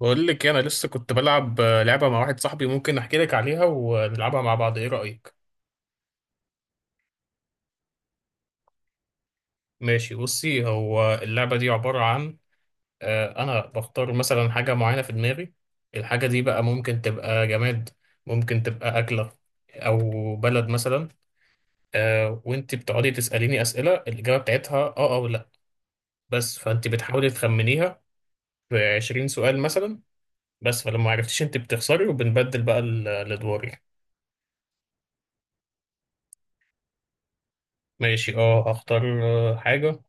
بقول لك إيه، انا لسه كنت بلعب لعبه مع واحد صاحبي. ممكن احكي لك عليها ونلعبها مع بعض، ايه رايك؟ ماشي بصي، هو اللعبه دي عباره عن انا بختار مثلا حاجه معينه في دماغي. الحاجه دي بقى ممكن تبقى جماد، ممكن تبقى اكله، او بلد مثلا. وانت بتقعدي تساليني اسئله الاجابه بتاعتها اه او لا، بس فانت بتحاولي تخمنيها. في 20 سؤال مثلا. بس فلما عرفتيش انت بتخسري، وبنبدل بقى الادوار يعني. ماشي اه، هختار حاجه.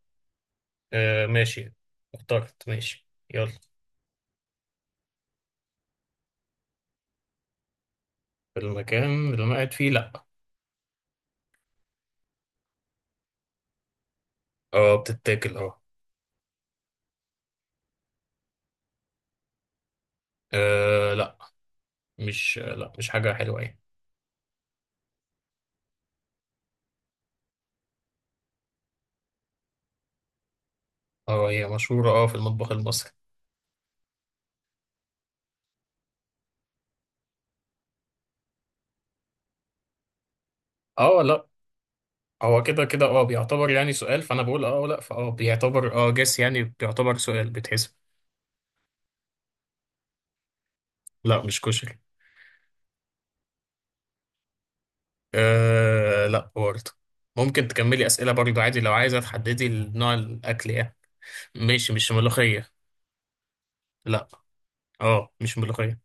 آه ماشي. اخترت ماشي، يلا. المكان اللي انا قاعد فيه لا. اه بتتاكل اه. لا. مش لا، مش حاجة حلوة يعني. اه، هي مشهورة اه في المطبخ المصري. اه لا. هو كده كده اه بيعتبر يعني سؤال، فانا بقول اه لا، فاه بيعتبر اه جس يعني، بيعتبر سؤال بتحسب. لا مش كشري. آه لا برضه. ممكن تكملي أسئلة برضه عادي لو عايزة تحددي نوع الأكل يعني. ماشي مش ملوخية. لا اه، مش ملوخية.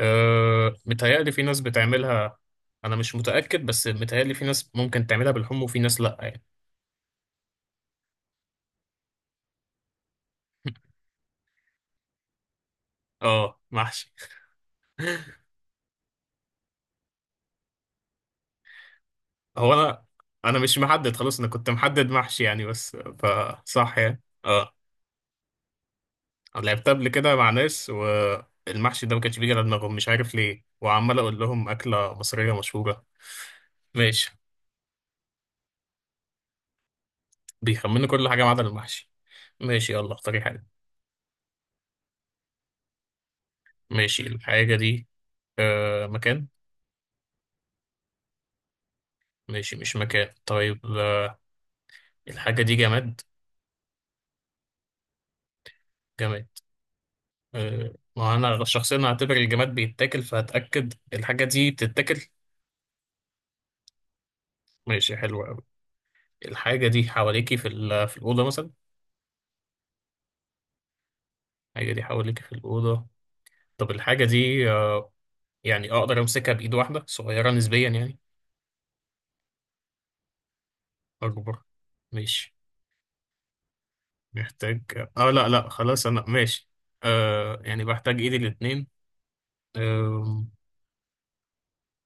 أه متهيألي في ناس بتعملها. أنا مش متأكد، بس متهيألي في ناس ممكن تعملها بالحمص وفي ناس لأ يعني. اه محشي. هو أنا، أنا مش محدد خلاص، أنا كنت محدد محشي يعني، بس فصح يعني اه. أنا لعبتها قبل كده مع ناس والمحشي ده ما كانش بيجي على دماغهم، مش عارف ليه، وعمال أقول لهم أكلة مصرية مشهورة. ماشي، بيخمنوا كل حاجة ما عدا المحشي. ماشي، يلا اختاري حاجة. ماشي الحاجة دي أه مكان. ماشي مش مكان. طيب الحاجة دي جماد. جماد ما انا شخصيا هعتبر الجماد بيتاكل، فهتاكد الحاجه دي بتتاكل. ماشي، حلوه قوي. الحاجه دي حواليكي في الاوضه مثلا. الحاجه دي حواليكي في الاوضه. طب الحاجه دي يعني اقدر امسكها بايد واحده، صغيره نسبيا يعني. اكبر، ماشي. محتاج. اه لا لا خلاص انا ماشي. آه، يعني بحتاج ايدي الاتنين. آه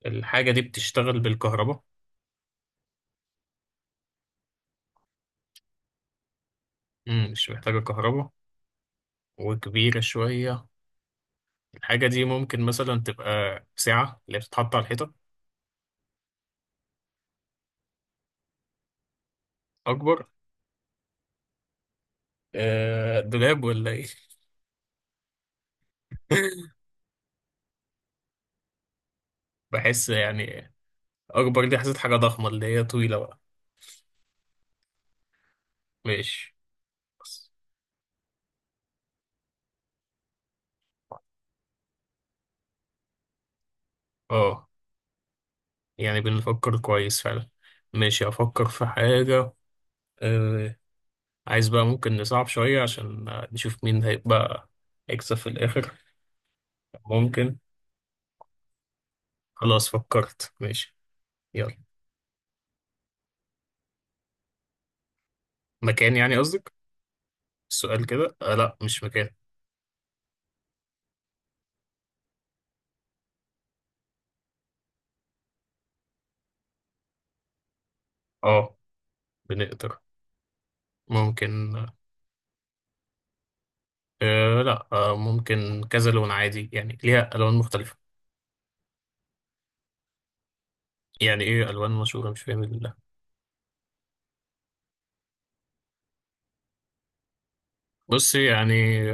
الحاجه دي بتشتغل بالكهرباء. مش محتاجه كهرباء. وكبيره شويه. الحاجة دي ممكن مثلا تبقى ساعة اللي بتتحط على الحيطة. أكبر؟ دولاب ولا إيه؟ بحس يعني، أكبر دي حسيت حاجة ضخمة اللي هي طويلة بقى. ماشي. بس اه، يعني بنفكر كويس فعلا. ماشي، أفكر في حاجة. آه، عايز بقى ممكن نصعب شوية عشان نشوف مين هيبقى هيكسب في الآخر. ممكن. خلاص فكرت، ماشي. يلا، مكان يعني قصدك؟ السؤال كده آه لا، مش مكان. اه بنقدر. ممكن. أه لا، أه ممكن كذا لون عادي يعني، ليها ألوان مختلفة. يعني إيه ألوان مشهورة، مش فاهم، الله. بص يعني،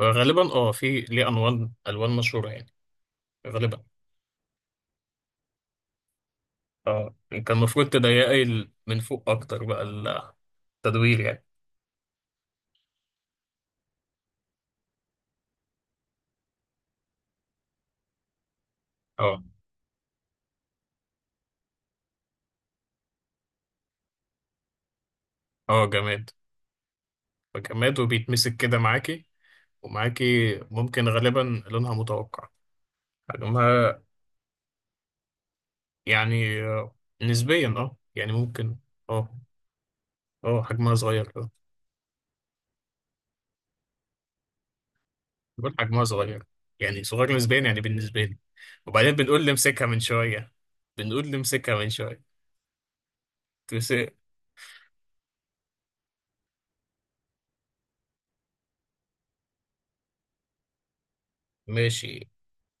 غالبا أه، في ليه ألوان مشهورة يعني. غالبا أه. كان المفروض تضيقي من فوق أكتر بقى، التدوير يعني. أه. أه جماد. فجماد وبيتمسك كده معاكي ومعاكي. ممكن غالبا. لونها متوقع. حجمها يعني نسبيا أه يعني ممكن. أه. أه حجمها صغير. بقول حجمها صغير، يعني صغير نسبيا يعني بالنسبة لي. وبعدين بنقول لي امسكها من شوية، بنقول لي امسكها من شوية تمسك. ماشي،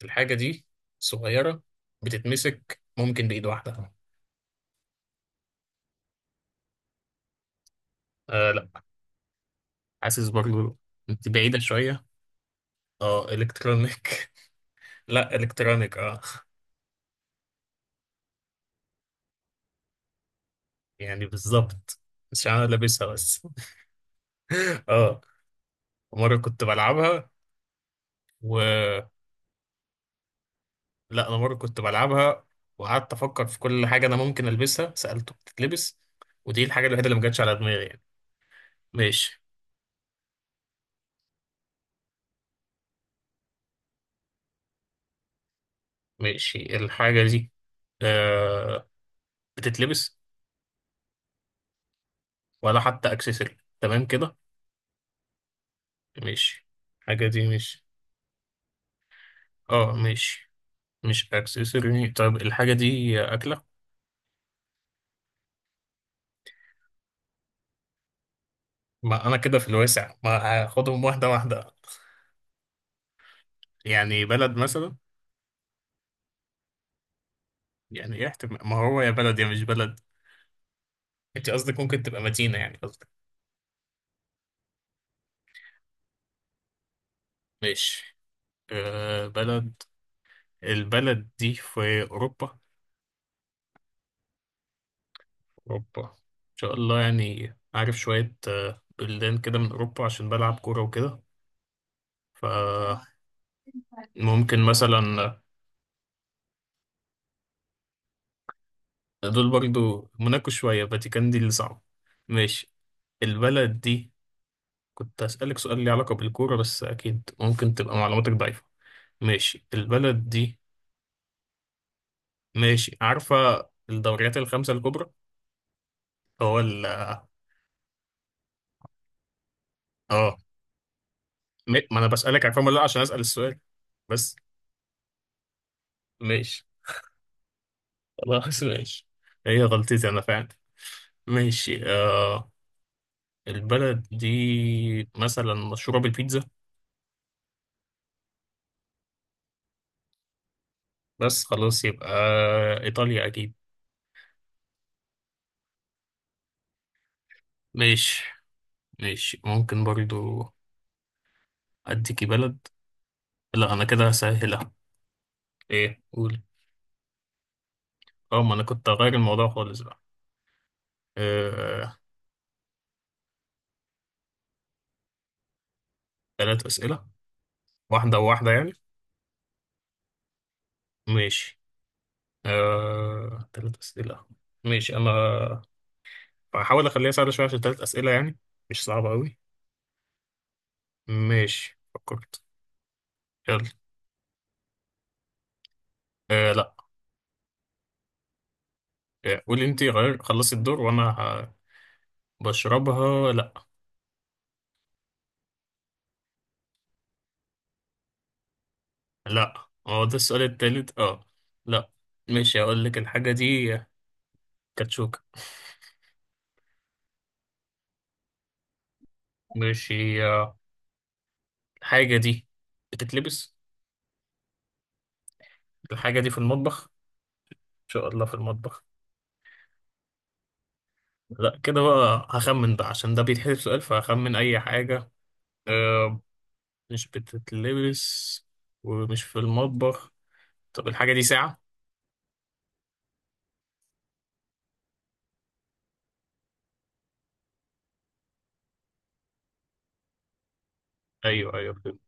الحاجة دي صغيرة، بتتمسك ممكن بإيد واحدة. آه لا، حاسس برضو انت بعيدة شوية. اه الكترونيك. لا الكترونيك اه. يعني بالظبط، مش انا لابسها بس. اه. مرة كنت بلعبها و... لا انا مره كنت بلعبها، وقعدت افكر في كل حاجه انا ممكن البسها، سالته بتتلبس، ودي الحاجه الوحيده اللي ما جاتش على دماغي يعني. ماشي. ماشي الحاجه دي آه بتتلبس ولا حتى اكسسوري تمام كده. ماشي. الحاجه دي مش، اه ماشي، مش اكسسوري. طيب الحاجه دي اكله. ما انا كده في الواسع، ما هاخدهم واحده واحده. يعني بلد مثلا. يعني ايه احتمال، ما هو يا بلد يا مش بلد. انت قصدك ممكن تبقى مدينه يعني قصدك. ماشي بلد. البلد دي في أوروبا. اوروبا إن شاء الله، يعني عارف شوية بلدان كده من أوروبا عشان بلعب كورة وكده، فممكن. مثلا دول برضو، موناكو شوية، فاتيكان دي اللي صعب. ماشي البلد دي، كنت هسألك سؤال ليه علاقة بالكورة، بس أكيد ممكن تبقى معلوماتك ضعيفة. ماشي البلد دي. ماشي عارفة الدوريات الخمسة الكبرى؟ هو ال، اه ما أنا بسألك عارفة ولا لأ عشان أسأل السؤال بس. ماشي، خلاص ماشي، هي غلطتي أنا فعلا. ماشي آه، البلد دي مثلا مشهورة بالبيتزا. بس خلاص يبقى إيطاليا أكيد. ماشي. ماشي ممكن برضو. أديكي بلد. لا أنا كده هسهلها. إيه قول؟ أه ما أنا كنت هغير الموضوع خالص بقى. آه تلات أسئلة، واحدة وواحدة يعني. ماشي آه تلات أسئلة. ماشي، أنا هحاول أخليها سهلة شوية عشان تلات أسئلة يعني، مش صعبة أوي. ماشي، فكرت، يلا. آه لا. قولي انت غير، خلصي الدور وانا بشربها لا. لا، هو ده السؤال التالت اه. لا. ماشي هقول لك الحاجة دي كاتشوكة. ماشي الحاجة دي بتتلبس. الحاجة دي في المطبخ ان شاء الله، في المطبخ. لا كده بقى هخمن بقى، عشان ده بيتحسب سؤال، فهخمن اي حاجة. آه، مش بتتلبس ومش في المطبخ. طب الحاجة دي ساعة. ايوه ايوه، فهمت.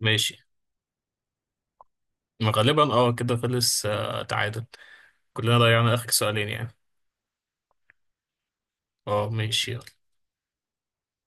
ماشي. ما غالبا اه كده خلص تعادل. كلنا ضيعنا اخر سؤالين يعني. اه ماشي، يلا.